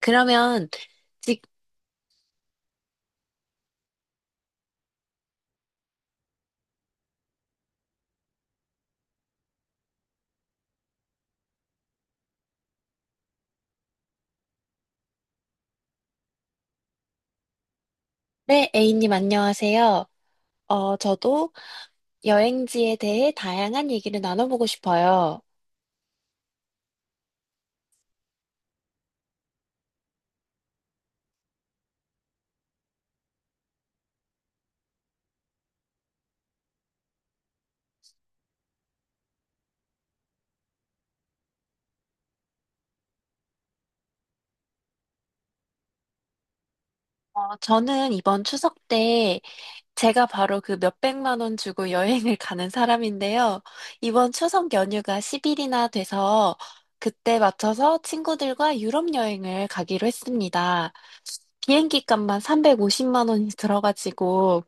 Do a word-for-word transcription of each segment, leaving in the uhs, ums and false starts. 그러면 직, 네, A님 안녕하세요. 어, 저도 여행지에 대해 다양한 얘기를 나눠보고 싶어요. 어, 저는 이번 추석 때 제가 바로 그 몇백만 원 주고 여행을 가는 사람인데요. 이번 추석 연휴가 십 일이나 돼서 그때 맞춰서 친구들과 유럽 여행을 가기로 했습니다. 비행기 값만 삼백오십만 원이 들어가지고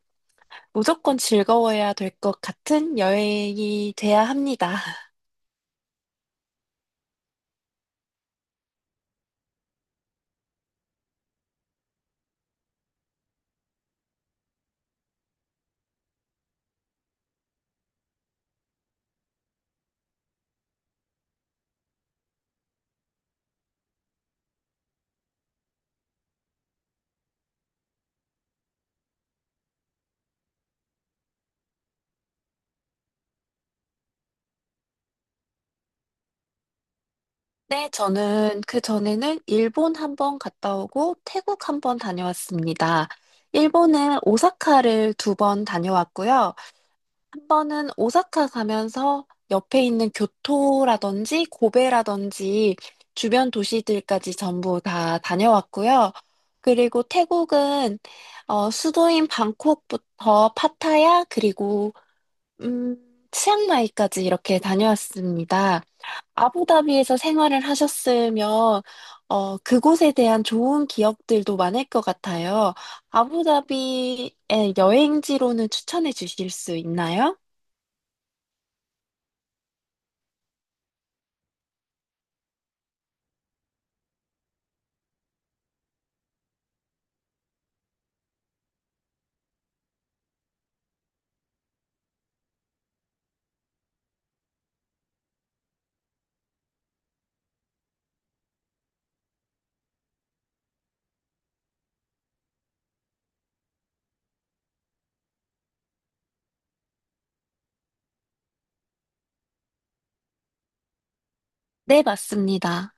무조건 즐거워야 될 것 같은 여행이 돼야 합니다. 네, 저는 그 전에는 일본 한 번 갔다 오고 태국 한 번 다녀왔습니다. 일본은 오사카를 두 번 다녀왔고요. 한 번은 오사카 가면서 옆에 있는 교토라든지 고베라든지 주변 도시들까지 전부 다 다녀왔고요. 그리고 태국은 어, 수도인 방콕부터 파타야 그리고 음, 치앙마이까지 이렇게 다녀왔습니다. 아부다비에서 생활을 하셨으면, 어, 그곳에 대한 좋은 기억들도 많을 것 같아요. 아부다비의 여행지로는 추천해 주실 수 있나요? 네, 맞습니다.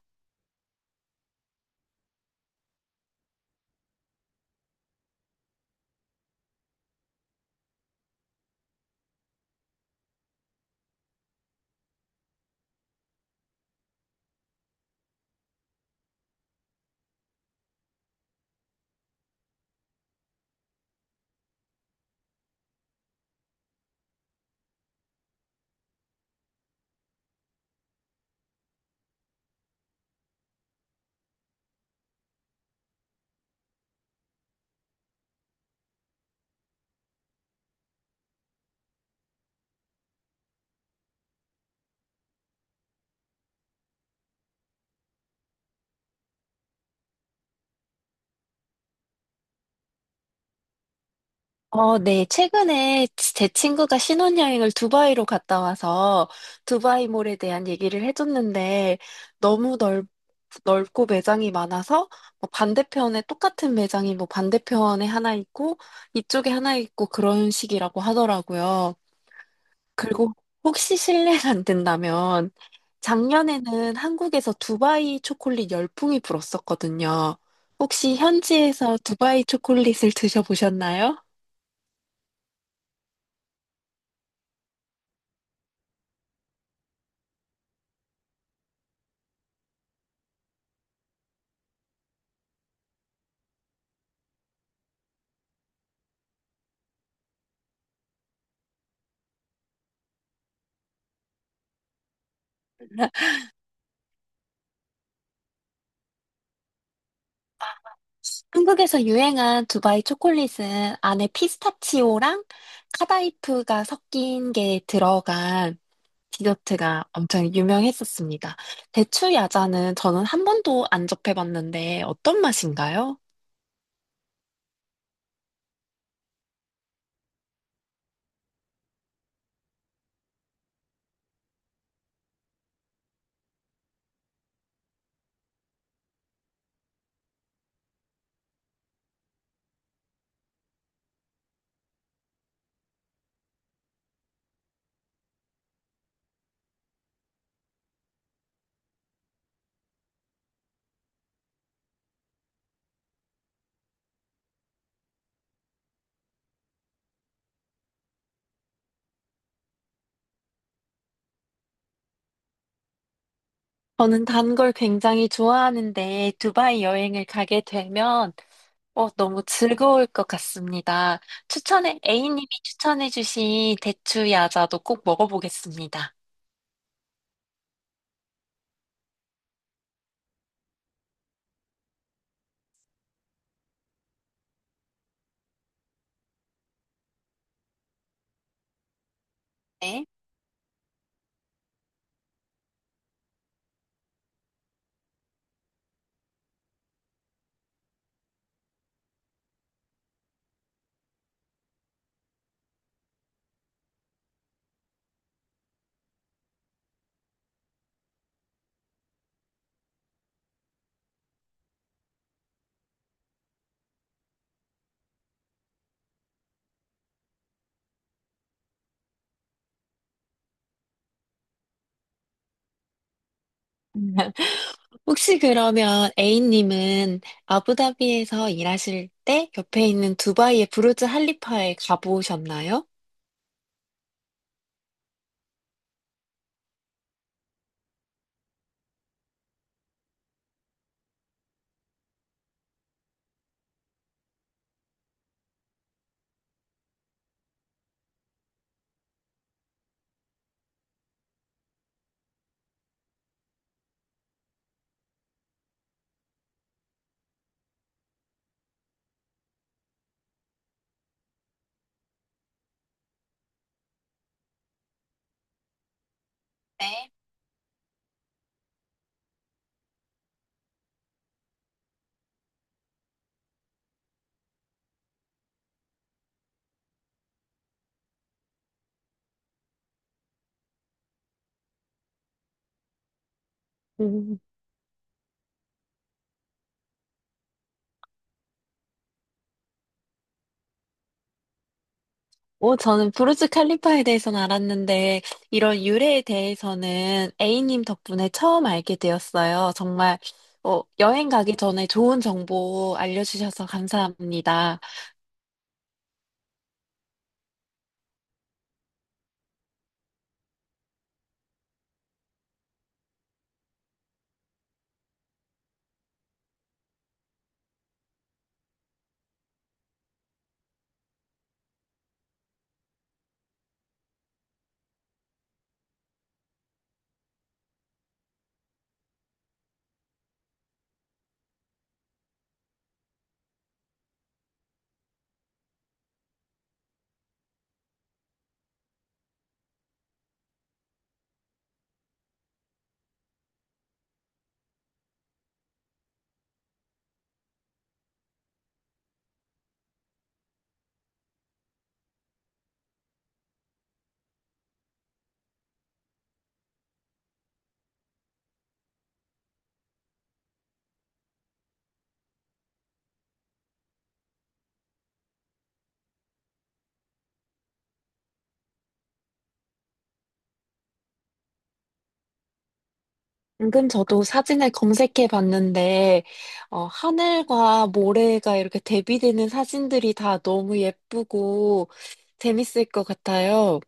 어, 네. 최근에 제 친구가 신혼여행을 두바이로 갔다 와서 두바이몰에 대한 얘기를 해줬는데 너무 넓, 넓고 매장이 많아서 뭐 반대편에 똑같은 매장이 뭐 반대편에 하나 있고 이쪽에 하나 있고 그런 식이라고 하더라고요. 그리고 혹시 실례가 안 된다면 작년에는 한국에서 두바이 초콜릿 열풍이 불었었거든요. 혹시 현지에서 두바이 초콜릿을 드셔보셨나요? 한국에서 유행한 두바이 초콜릿은 안에 피스타치오랑 카다이프가 섞인 게 들어간 디저트가 엄청 유명했었습니다. 대추 야자는 저는 한 번도 안 접해봤는데 어떤 맛인가요? 저는 단 걸 굉장히 좋아하는데 두바이 여행을 가게 되면 어, 너무 즐거울 것 같습니다. 추천해, A님이 추천해주신 대추 야자도 꼭 먹어보겠습니다. 네. 혹시 그러면 A님은 아부다비에서 일하실 때 옆에 있는 두바이의 부르즈 할리파에 가보셨나요? 네. 오, 저는 브루즈 칼리파에 대해서는 알았는데, 이런 유래에 대해서는 A님 덕분에 처음 알게 되었어요. 정말, 어, 여행 가기 전에 좋은 정보 알려주셔서 감사합니다. 방금 저도 사진을 검색해 봤는데, 어, 하늘과 모래가 이렇게 대비되는 사진들이 다 너무 예쁘고 재밌을 것 같아요.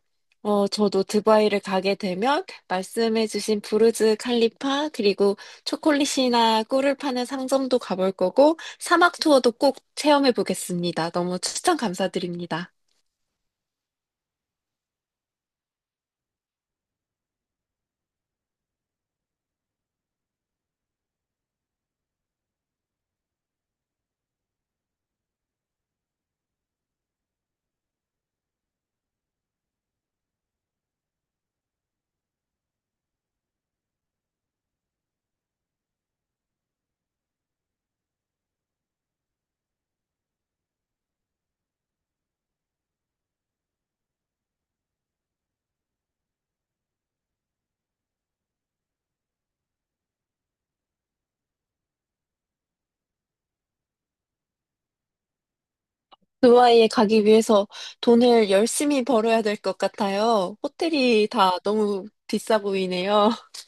어, 저도 두바이를 가게 되면 말씀해주신 부르즈 칼리파, 그리고 초콜릿이나 꿀을 파는 상점도 가볼 거고, 사막 투어도 꼭 체험해 보겠습니다. 너무 추천 감사드립니다. 두바이에 가기 위해서 돈을 열심히 벌어야 될 것 같아요. 호텔이 다 너무 비싸 보이네요.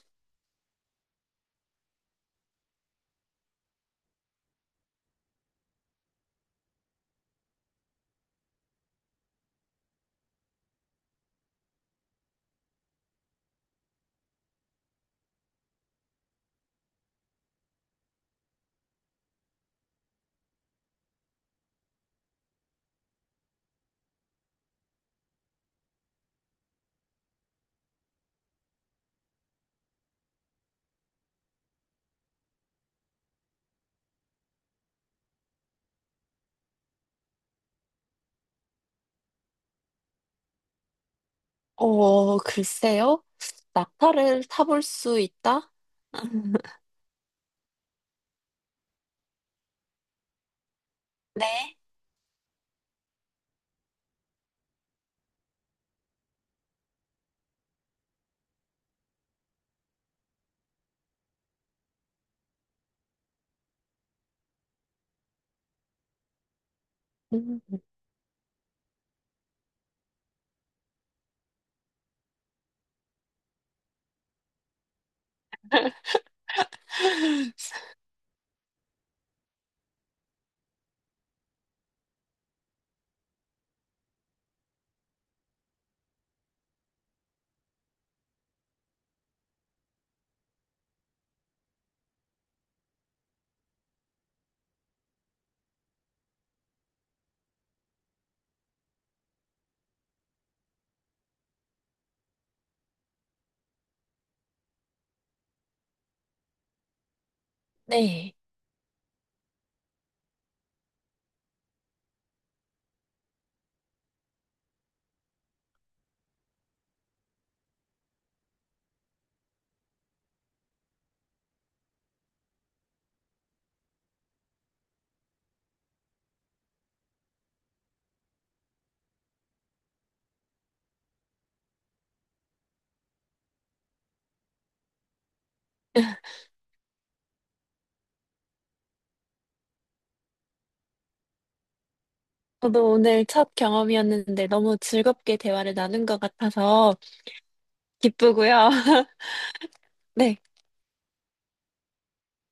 어, 글쎄요. 낙타를 타볼 수 있다? 네. 음, 네. 저도 오늘 첫 경험이었는데 너무 즐겁게 대화를 나눈 것 같아서 기쁘고요. 네.